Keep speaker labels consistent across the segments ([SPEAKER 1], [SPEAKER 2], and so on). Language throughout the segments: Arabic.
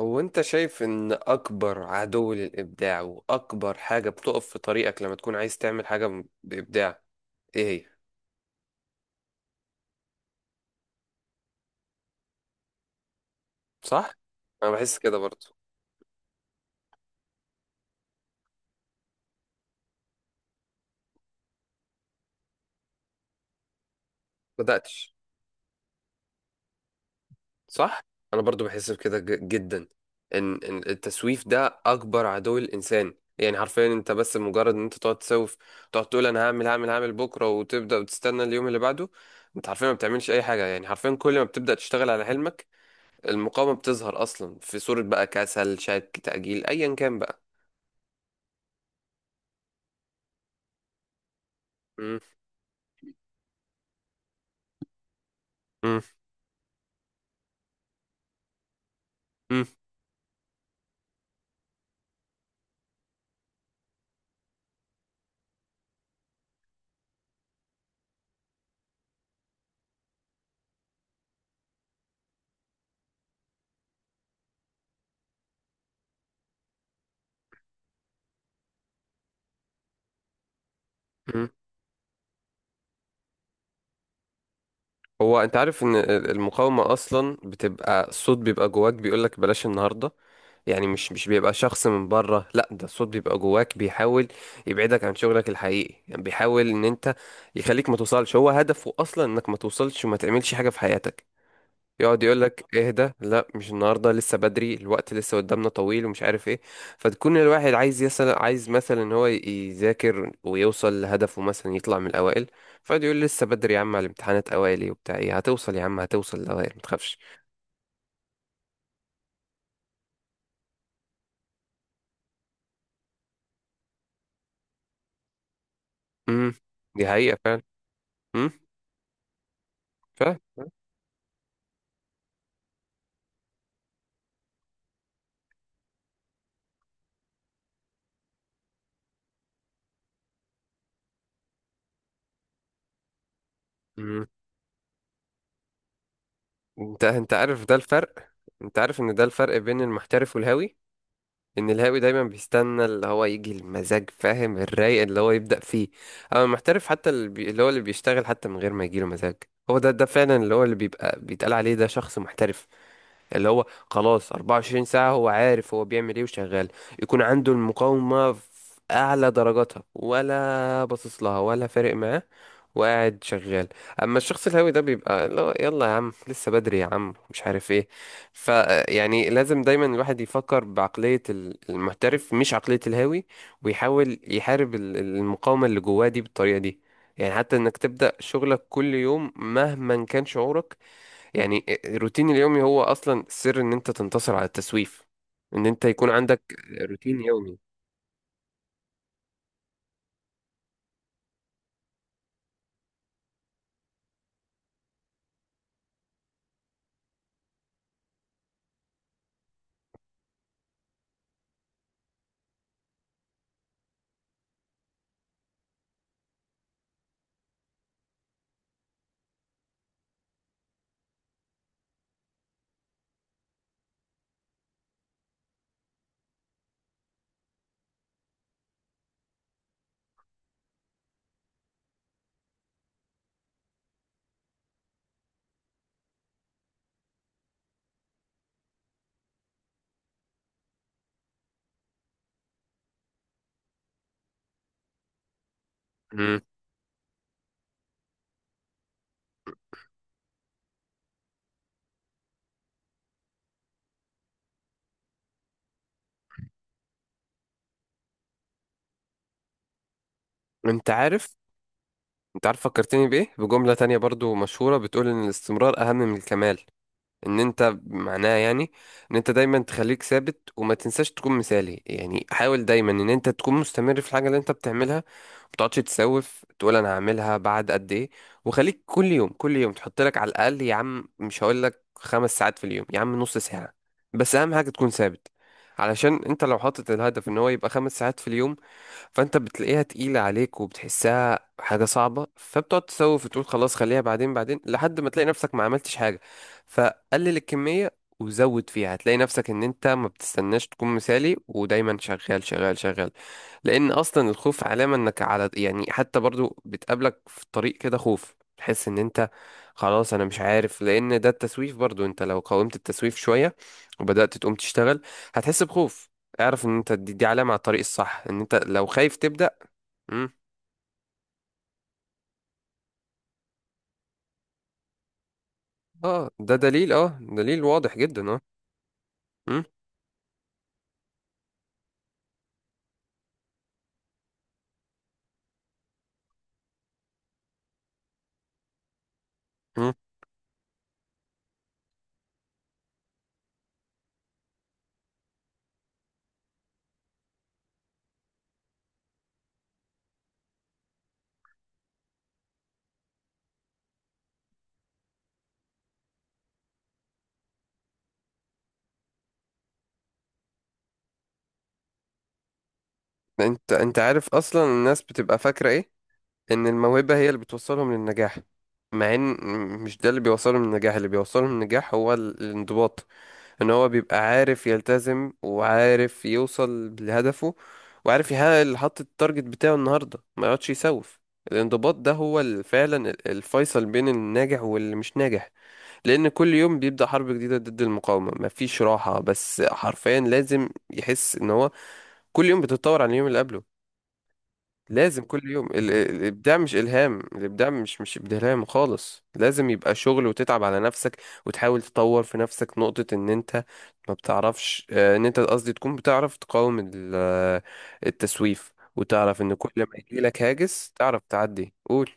[SPEAKER 1] هو انت شايف ان اكبر عدو للابداع واكبر حاجة بتقف في طريقك لما تكون عايز تعمل حاجة بابداع؟ ايه هي؟ صح. انا بحس كده برضو. بدأتش؟ صح. انا برضو بحس بكده جدا. ان التسويف ده اكبر عدو الانسان، يعني حرفيا انت بس مجرد ان انت تقعد تسوف. تقعد تقول انا هعمل هعمل هعمل بكرة، وتبدأ وتستنى اليوم اللي بعده. انت حرفيا ما بتعملش اي حاجة، يعني حرفيا كل ما بتبدأ تشتغل على حلمك المقاومة بتظهر أصلا في صورة بقى كسل، شك، تأجيل، أيا كان بقى. مم. مم. مم. مم. هو أنت عارف إن المقاومة أصلا بتبقى الصوت بيبقى جواك بيقولك بلاش النهاردة؟ يعني مش بيبقى شخص من بره، لا، ده الصوت بيبقى جواك بيحاول يبعدك عن شغلك الحقيقي. يعني بيحاول إن أنت يخليك ما توصلش، هو هدفه أصلا إنك ما توصلش وما تعملش حاجة في حياتك. يقعد يقول لك اهدى، لا مش النهارده، لسه بدري، الوقت لسه قدامنا طويل، ومش عارف ايه. فتكون الواحد عايز يسأل، عايز مثلا ان هو يذاكر ويوصل لهدفه، مثلا يطلع من الاوائل، فيقعد يقول لسه بدري يا عم، على الامتحانات اوائل وبتاع ايه، هتوصل يا عم، هتوصل الاوائل، ما تخافش. امم دي حقيقة فعلا. امم فعلا. امم. انت عارف ده الفرق؟ انت عارف ان ده الفرق بين المحترف والهاوي. ان الهاوي دايما بيستنى اللي هو يجي المزاج، فاهم، الرايق اللي هو يبدأ فيه. اما المحترف حتى اللي هو اللي بيشتغل حتى من غير ما يجيله مزاج. هو ده فعلا اللي هو اللي بيبقى بيتقال عليه ده شخص محترف. اللي هو خلاص 24 ساعة هو عارف هو بيعمل ايه وشغال، يكون عنده المقاومة في أعلى درجاتها ولا باصص لها ولا فارق معاه، وقاعد شغال. اما الشخص الهاوي ده بيبقى اللي هو يلا يا عم لسه بدري يا عم مش عارف ايه. ف يعني لازم دايما الواحد يفكر بعقلية المحترف مش عقلية الهاوي، ويحاول يحارب المقاومة اللي جواه دي بالطريقة دي. يعني حتى انك تبدأ شغلك كل يوم مهما كان شعورك، يعني الروتين اليومي هو اصلا سر ان انت تنتصر على التسويف، ان انت يكون عندك روتين يومي. مم. انت عارف انت عارف فكرتني بايه؟ بجملة تانية برضو مشهورة بتقول ان الاستمرار اهم من الكمال. ان انت معناه يعني ان انت دايما تخليك ثابت وما تنساش تكون مثالي، يعني حاول دايما ان انت تكون مستمر في الحاجه اللي انت بتعملها. ما تقعدش تسوف تقول انا هعملها بعد قد ايه. وخليك كل يوم كل يوم تحط لك على الاقل، يا عم مش هقول لك خمس ساعات في اليوم، يا عم نص ساعه، بس اهم حاجه تكون ثابت. علشان انت لو حاطط الهدف ان هو يبقى خمس ساعات في اليوم، فانت بتلاقيها تقيلة عليك وبتحسها حاجة صعبة فبتقعد تسوف وتقول خلاص خليها بعدين بعدين، لحد ما تلاقي نفسك ما عملتش حاجة. فقلل الكمية وزود فيها، هتلاقي نفسك ان انت ما بتستناش تكون مثالي، ودايما شغال شغال شغال. لان اصلا الخوف علامه انك على، يعني حتى برضو بتقابلك في الطريق كده خوف، تحس ان انت خلاص انا مش عارف. لان ده التسويف برضو، انت لو قاومت التسويف شويه وبدات تقوم تشتغل هتحس بخوف. اعرف ان انت دي علامه على الطريق الصح، ان انت لو خايف تبدا. مم. اه ده دليل، اه، دليل واضح جدا، اه. مم. مم. انت عارف اصلا الناس بتبقى فاكره ايه؟ ان الموهبه هي اللي بتوصلهم للنجاح، مع ان مش ده اللي بيوصلهم للنجاح. اللي بيوصلهم للنجاح هو الانضباط. ان هو بيبقى عارف يلتزم وعارف يوصل لهدفه وعارف يحقق اللي حط التارجت بتاعه النهارده، ما يقعدش يسوف. الانضباط ده هو فعلا الفيصل بين الناجح واللي مش ناجح. لان كل يوم بيبدأ حرب جديدة ضد المقاومة، مفيش راحة، بس حرفيا لازم يحس ان هو كل يوم بتتطور عن اليوم اللي قبله. لازم كل يوم الابداع مش الهام، الابداع مش ابداع خالص، لازم يبقى شغل وتتعب على نفسك وتحاول تطور في نفسك نقطة ان انت ما بتعرفش ان انت، قصدي تكون بتعرف تقاوم التسويف. وتعرف ان كل ما يجيلك هاجس تعرف تعدي قول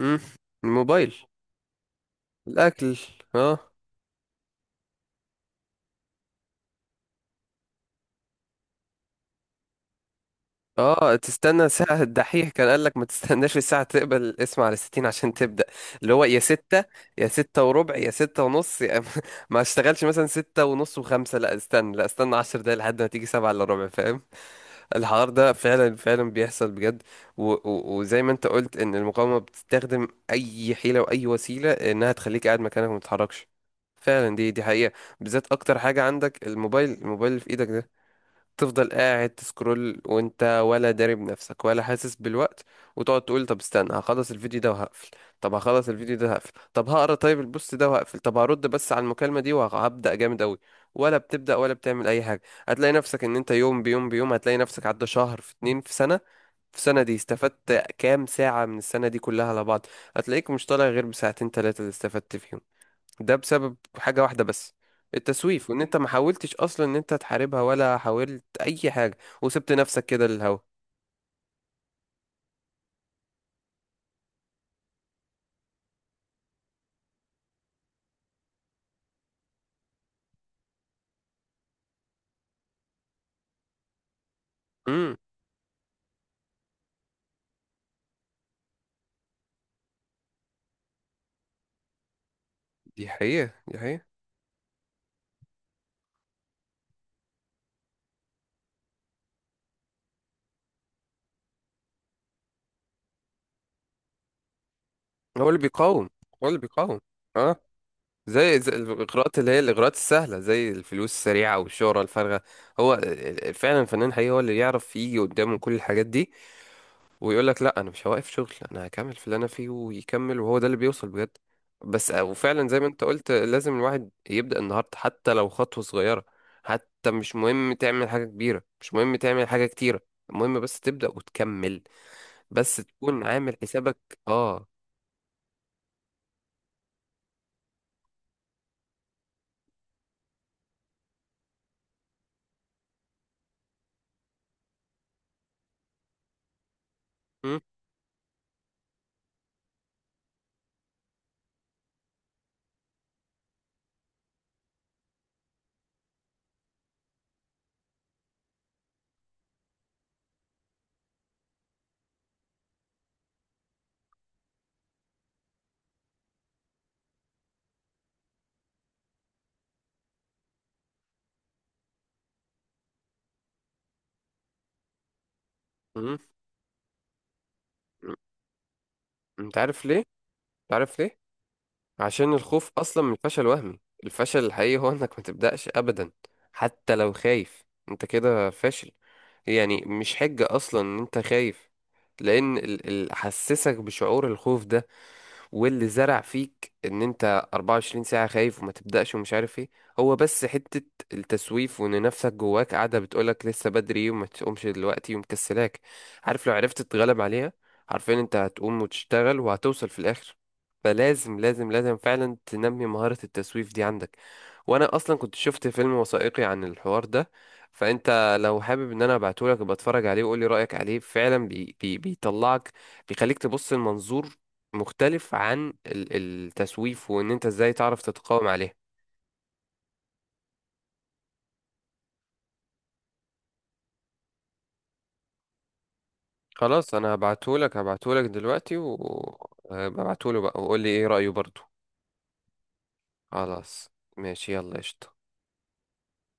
[SPEAKER 1] امم الموبايل، الاكل. اه. اه، تستنى ساعة الدحيح كان قال لك ما تستناش الساعة تقبل الاسم على 60 عشان تبدأ. اللي هو يا ستة، يا ستة وربع، يا ستة ونص، يا ما اشتغلش مثلا ستة ونص وخمسة، لا استنى، لا استنى 10 دقايق لحد ما تيجي سبعة الا ربع، فاهم؟ الحوار ده فعلا فعلا بيحصل بجد. وزي ما انت قلت ان المقاومة بتستخدم اي حيلة واي وسيلة انها تخليك قاعد مكانك وما تتحركش. فعلا دي حقيقة. بالذات اكتر حاجة عندك الموبايل، الموبايل اللي في ايدك ده، تفضل قاعد تسكرول وانت ولا داري بنفسك ولا حاسس بالوقت. وتقعد تقول طب استنى هخلص الفيديو ده وهقفل، طب هخلص الفيديو ده هقفل، طب هقرا طيب البوست ده وهقفل، طب هرد بس على المكالمة دي وهبدأ جامد قوي، ولا بتبدأ ولا بتعمل اي حاجة. هتلاقي نفسك ان انت يوم بيوم بيوم هتلاقي نفسك عدى شهر في اتنين في سنة. في سنة دي استفدت كام ساعة من السنة دي كلها على بعض؟ هتلاقيك مش طالع غير بساعتين تلاتة اللي استفدت فيهم. ده بسبب حاجة واحدة بس، التسويف، وان انت ما حاولتش اصلا ان انت تحاربها ولا حاولت اي حاجة وسبت نفسك كده للهوا. امم دي حقيقة، دي حقيقة. هو اللي بيقاوم، هو اللي بيقاوم، اه، زي الاغراءات اللي هي الاغراءات السهلة زي الفلوس السريعة والشهرة الفارغة. هو فعلا الفنان الحقيقي هو اللي يعرف يجي قدامه كل الحاجات دي، ويقول لك لا انا مش هوقف شغل انا هكمل في اللي انا فيه، ويكمل، وهو ده اللي بيوصل بجد. بس وفعلا زي ما انت قلت لازم الواحد يبدأ النهارده حتى لو خطوة صغيرة. حتى مش مهم تعمل حاجة كبيرة، مش مهم تعمل حاجة كتيرة، المهم بس تبدأ وتكمل، بس تكون عامل حسابك. اه. م- م- م- انت عارف ليه؟ انت عارف ليه؟ عشان الخوف اصلا من الفشل وهمي. الفشل الحقيقي هو انك ما تبدأش ابدا، حتى لو خايف انت كده فاشل، يعني مش حجة أصلا إن أنت خايف. لأن اللي حسسك بشعور الخوف ده واللي زرع فيك إن أنت 24 ساعة خايف وما تبدأش ومش عارف إيه هو بس حتة التسويف، وإن نفسك جواك قاعدة بتقولك لسه بدري وما تقومش دلوقتي ومكسلاك. عارف لو عرفت تتغلب عليها، عارفين أنت هتقوم وتشتغل وهتوصل في الآخر. فلازم لازم لازم فعلا تنمي مهارة التسويف دي عندك. وانا اصلا كنت شفت فيلم وثائقي عن الحوار ده، فانت لو حابب ان انا ابعتهولك ابقى اتفرج عليه وقولي رايك عليه، فعلا بي بي بيطلعك، بيخليك تبص لمنظور مختلف عن التسويف، وان انت ازاي تعرف تتقاوم عليه. خلاص انا هبعتهولك هبعتهولك دلوقتي وابعتهوله بقى، وقولي ايه رايه برضو. خلاص، ماشي، يلا قشطة.